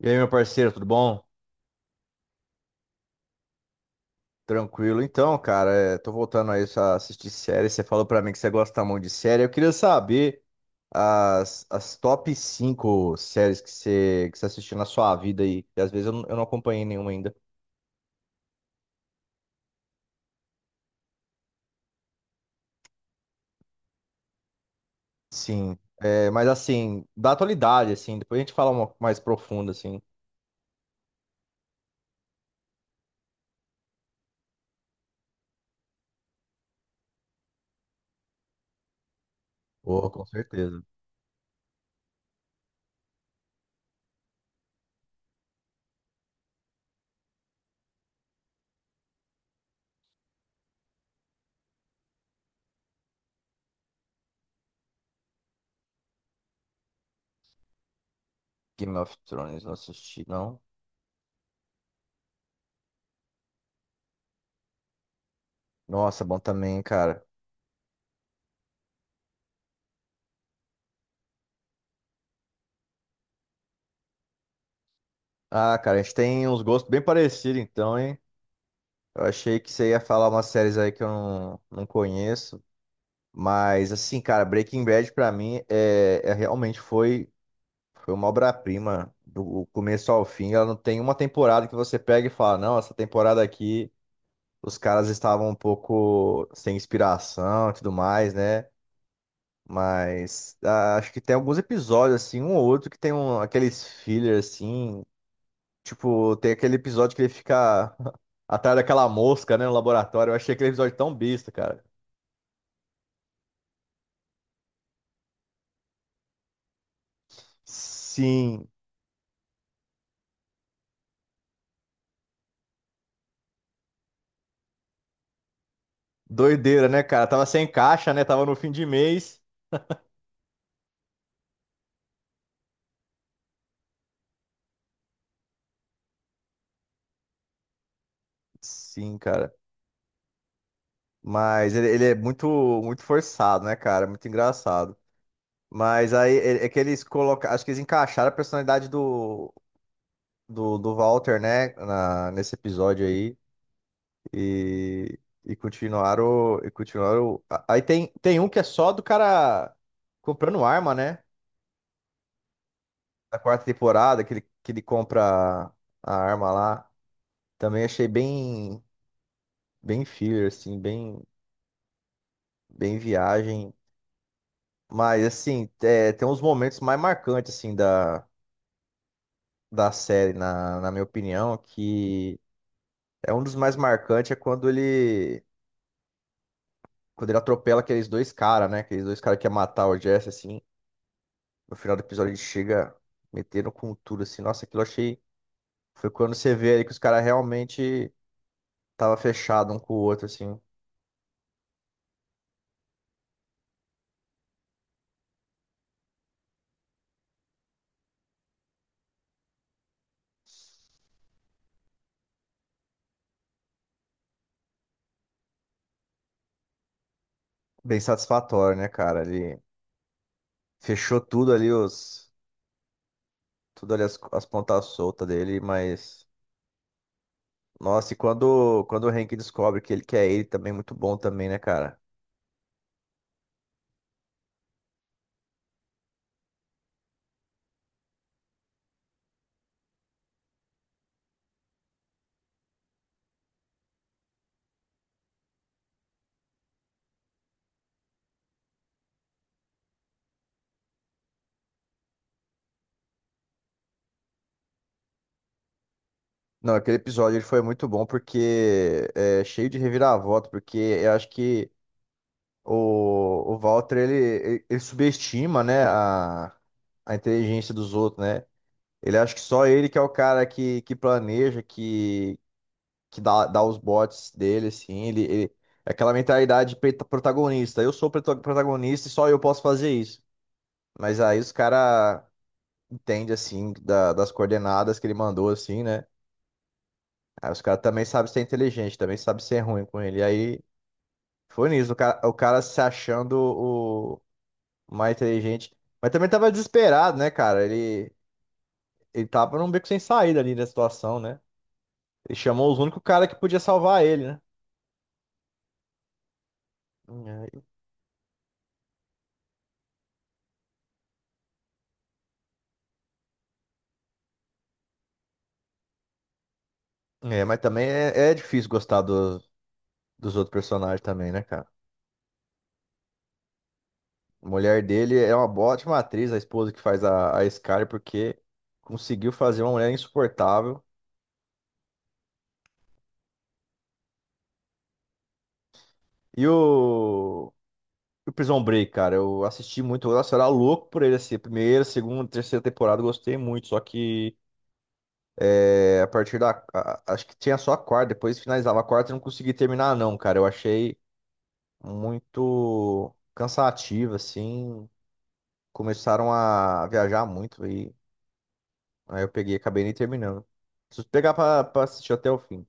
E aí, meu parceiro, tudo bom? Tranquilo. Tô voltando aí a assistir série. Você falou pra mim que você gosta muito de série. Eu queria saber as top 5 séries que você assistiu na sua vida aí. E às vezes eu não acompanhei nenhuma ainda. Sim. É, mas assim, da atualidade, assim, depois a gente fala uma mais profunda, assim. Pô, com certeza. Game of Thrones, não assisti, não. Nossa, bom também, cara. Ah, cara, a gente tem uns gostos bem parecidos, então, hein? Eu achei que você ia falar umas séries aí que eu não conheço, mas assim, cara, Breaking Bad pra mim é realmente foi, foi uma obra-prima do começo ao fim. Ela não tem uma temporada que você pega e fala, não, essa temporada aqui os caras estavam um pouco sem inspiração e tudo mais, né? Mas acho que tem alguns episódios assim, um ou outro que tem um, aqueles filler assim. Tipo, tem aquele episódio que ele fica atrás daquela mosca, né, no laboratório. Eu achei aquele episódio tão besta, cara. Sim, doideira, né, cara? Tava sem caixa, né? Tava no fim de mês. Sim, cara. Mas ele é muito, muito forçado, né, cara? Muito engraçado. Mas aí é que eles colocaram. Acho que eles encaixaram a personalidade do Walter, né? Nesse episódio aí. E, e continuaram. E continuaram. Aí tem um que é só do cara comprando arma, né? Da quarta temporada, que ele compra a arma lá. Também achei bem, bem filler, assim, bem, bem viagem. Mas, assim, é, tem uns momentos mais marcantes, assim, da série, na minha opinião, que é um dos mais marcantes é quando ele atropela aqueles dois caras, né? Aqueles dois caras que ia matar o Jesse, assim. No final do episódio ele chega metendo com tudo, assim. Nossa, aquilo eu achei. Foi quando você vê ali que os caras realmente tava fechado um com o outro, assim. Bem satisfatório, né, cara? Ele fechou tudo ali, os. Tudo ali as pontas soltas dele, mas. Nossa, e quando o Hank descobre que ele quer ele também, muito bom também, né, cara? Não, aquele episódio ele foi muito bom porque é cheio de reviravolta, porque eu acho que o Walter, ele subestima, né, a inteligência dos outros, né? Ele acha que só ele que é o cara que planeja, que, que dá os botes dele, assim. É aquela mentalidade protagonista. Eu sou o protagonista e só eu posso fazer isso. Mas aí os caras entendem, assim, das coordenadas que ele mandou, assim, né? Aí os caras também sabem ser inteligente, também sabem ser ruim com ele. E aí foi nisso, o cara se achando mais inteligente. Mas também tava desesperado, né, cara? Ele tava num beco sem saída ali na situação, né? Ele chamou os únicos cara que podia salvar ele, né? É, mas também é difícil gostar dos outros personagens também, né, cara? A mulher dele é uma ótima atriz, a esposa que faz a Scar, porque conseguiu fazer uma mulher insuportável. E o Prison Break, cara, eu assisti muito, nossa, eu era louco por ele, assim, a primeira, segunda, terceira temporada, eu gostei muito, só que é, a partir da. Acho que tinha só a quarta, depois finalizava a quarta e não consegui terminar, não, cara. Eu achei muito cansativo, assim. Começaram a viajar muito e aí eu peguei e acabei nem terminando. Preciso pegar pra assistir até o fim.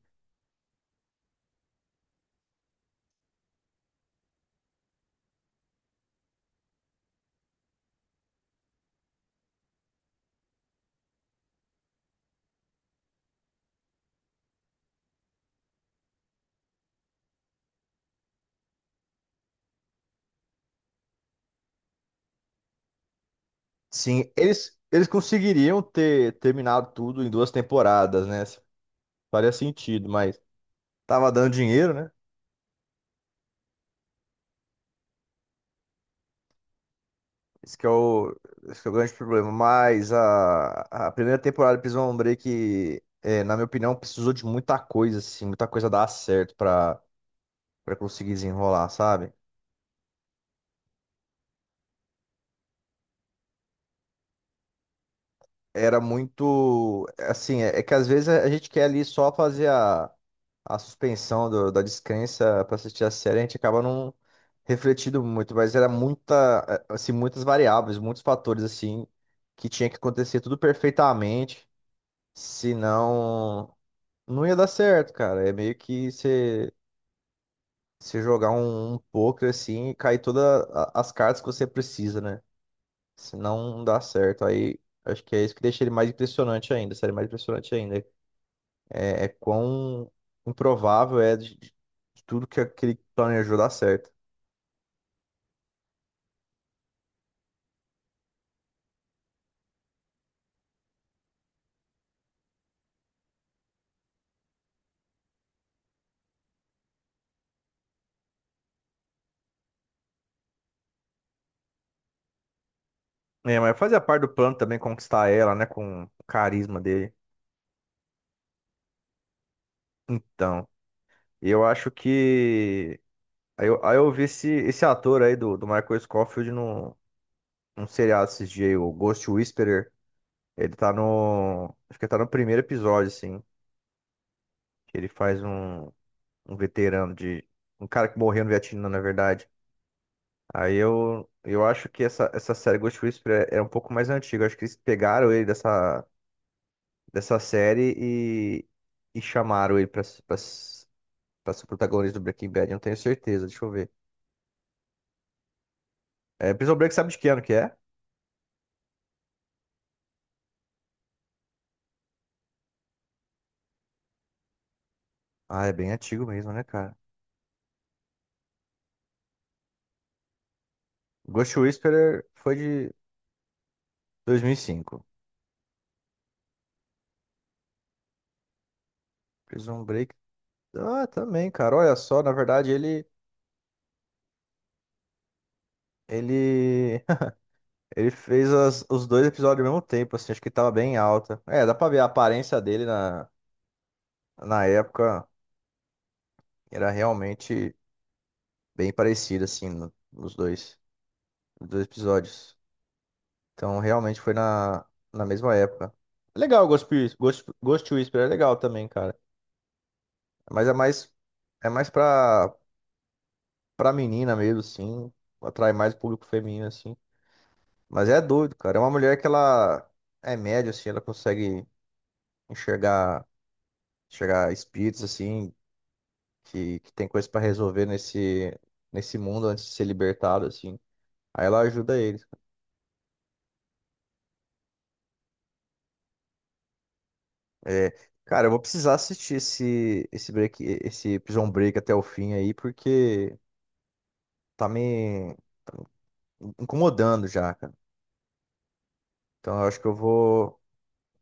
Sim, eles conseguiriam ter terminado tudo em duas temporadas, né? Faria sentido, mas tava dando dinheiro, né? Esse que é o, esse que é o grande problema. Mas a primeira temporada de Prison Break, é, na minha opinião, precisou de muita coisa, assim, muita coisa dar certo pra conseguir desenrolar, sabe? Era muito. Assim, é que às vezes a gente quer ali só fazer a suspensão da descrença pra assistir a série, a gente acaba não refletindo muito, mas era muita, é, assim, muitas variáveis, muitos fatores, assim, que tinha que acontecer tudo perfeitamente. Senão, não ia dar certo, cara. É meio que você jogar um poker assim e cair todas as cartas que você precisa, né? Senão não dá certo. Aí acho que é isso que deixa ele mais impressionante ainda, série mais impressionante ainda. É, é quão improvável é de tudo que aquele planejou dar certo. É, mas fazia parte do plano também conquistar ela, né? Com o carisma dele. Então, eu acho que. Aí eu vi esse, esse ator aí do Michael Scofield um seriado esses dias, aí, o Ghost Whisperer. Ele tá no. Acho que tá no primeiro episódio, assim. Que ele faz um, um veterano de. Um cara que morreu no Vietnã, na verdade. Eu acho que essa série Ghost Whisperer é um pouco mais antiga. Eu Acho que eles pegaram ele dessa, dessa série e chamaram ele pra ser o protagonista do Breaking Bad. Eu Não tenho certeza, deixa eu ver. É, Prison Break sabe de que ano que é? Ah, é bem antigo mesmo, né, cara? Ghost Whisperer foi de 2005. Prison Break ah, também, cara. Olha só, na verdade, ele ele ele fez os dois episódios ao mesmo tempo, assim, acho que tava bem alta. É, dá pra ver a aparência dele na época era realmente bem parecida, assim, nos dois episódios. Então, realmente foi na mesma época. É legal, Ghost Whisperer é legal também, cara. Mas é mais pra menina mesmo, assim, atrai mais o público feminino, assim. Mas é doido, cara. É uma mulher que ela é média, assim, ela consegue enxergar, enxergar espíritos, assim, que tem coisa pra resolver nesse, nesse mundo antes de ser libertado, assim. Aí ela ajuda eles. É, cara, eu vou precisar assistir esse Prison Break até o fim aí, porque tá me incomodando já, cara. Então eu acho que eu vou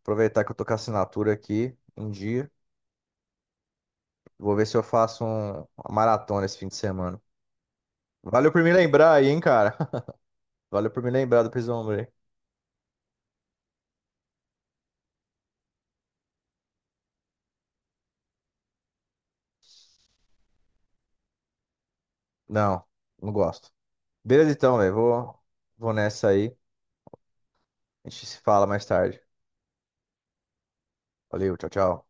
aproveitar que eu tô com a assinatura aqui em dia. Vou ver se eu faço uma maratona esse fim de semana. Valeu por me lembrar aí, hein, cara. Valeu por me lembrar do Prisão Homem. Não, não gosto. Beleza então, velho. Vou, vou nessa aí. A gente se fala mais tarde. Valeu, tchau, tchau.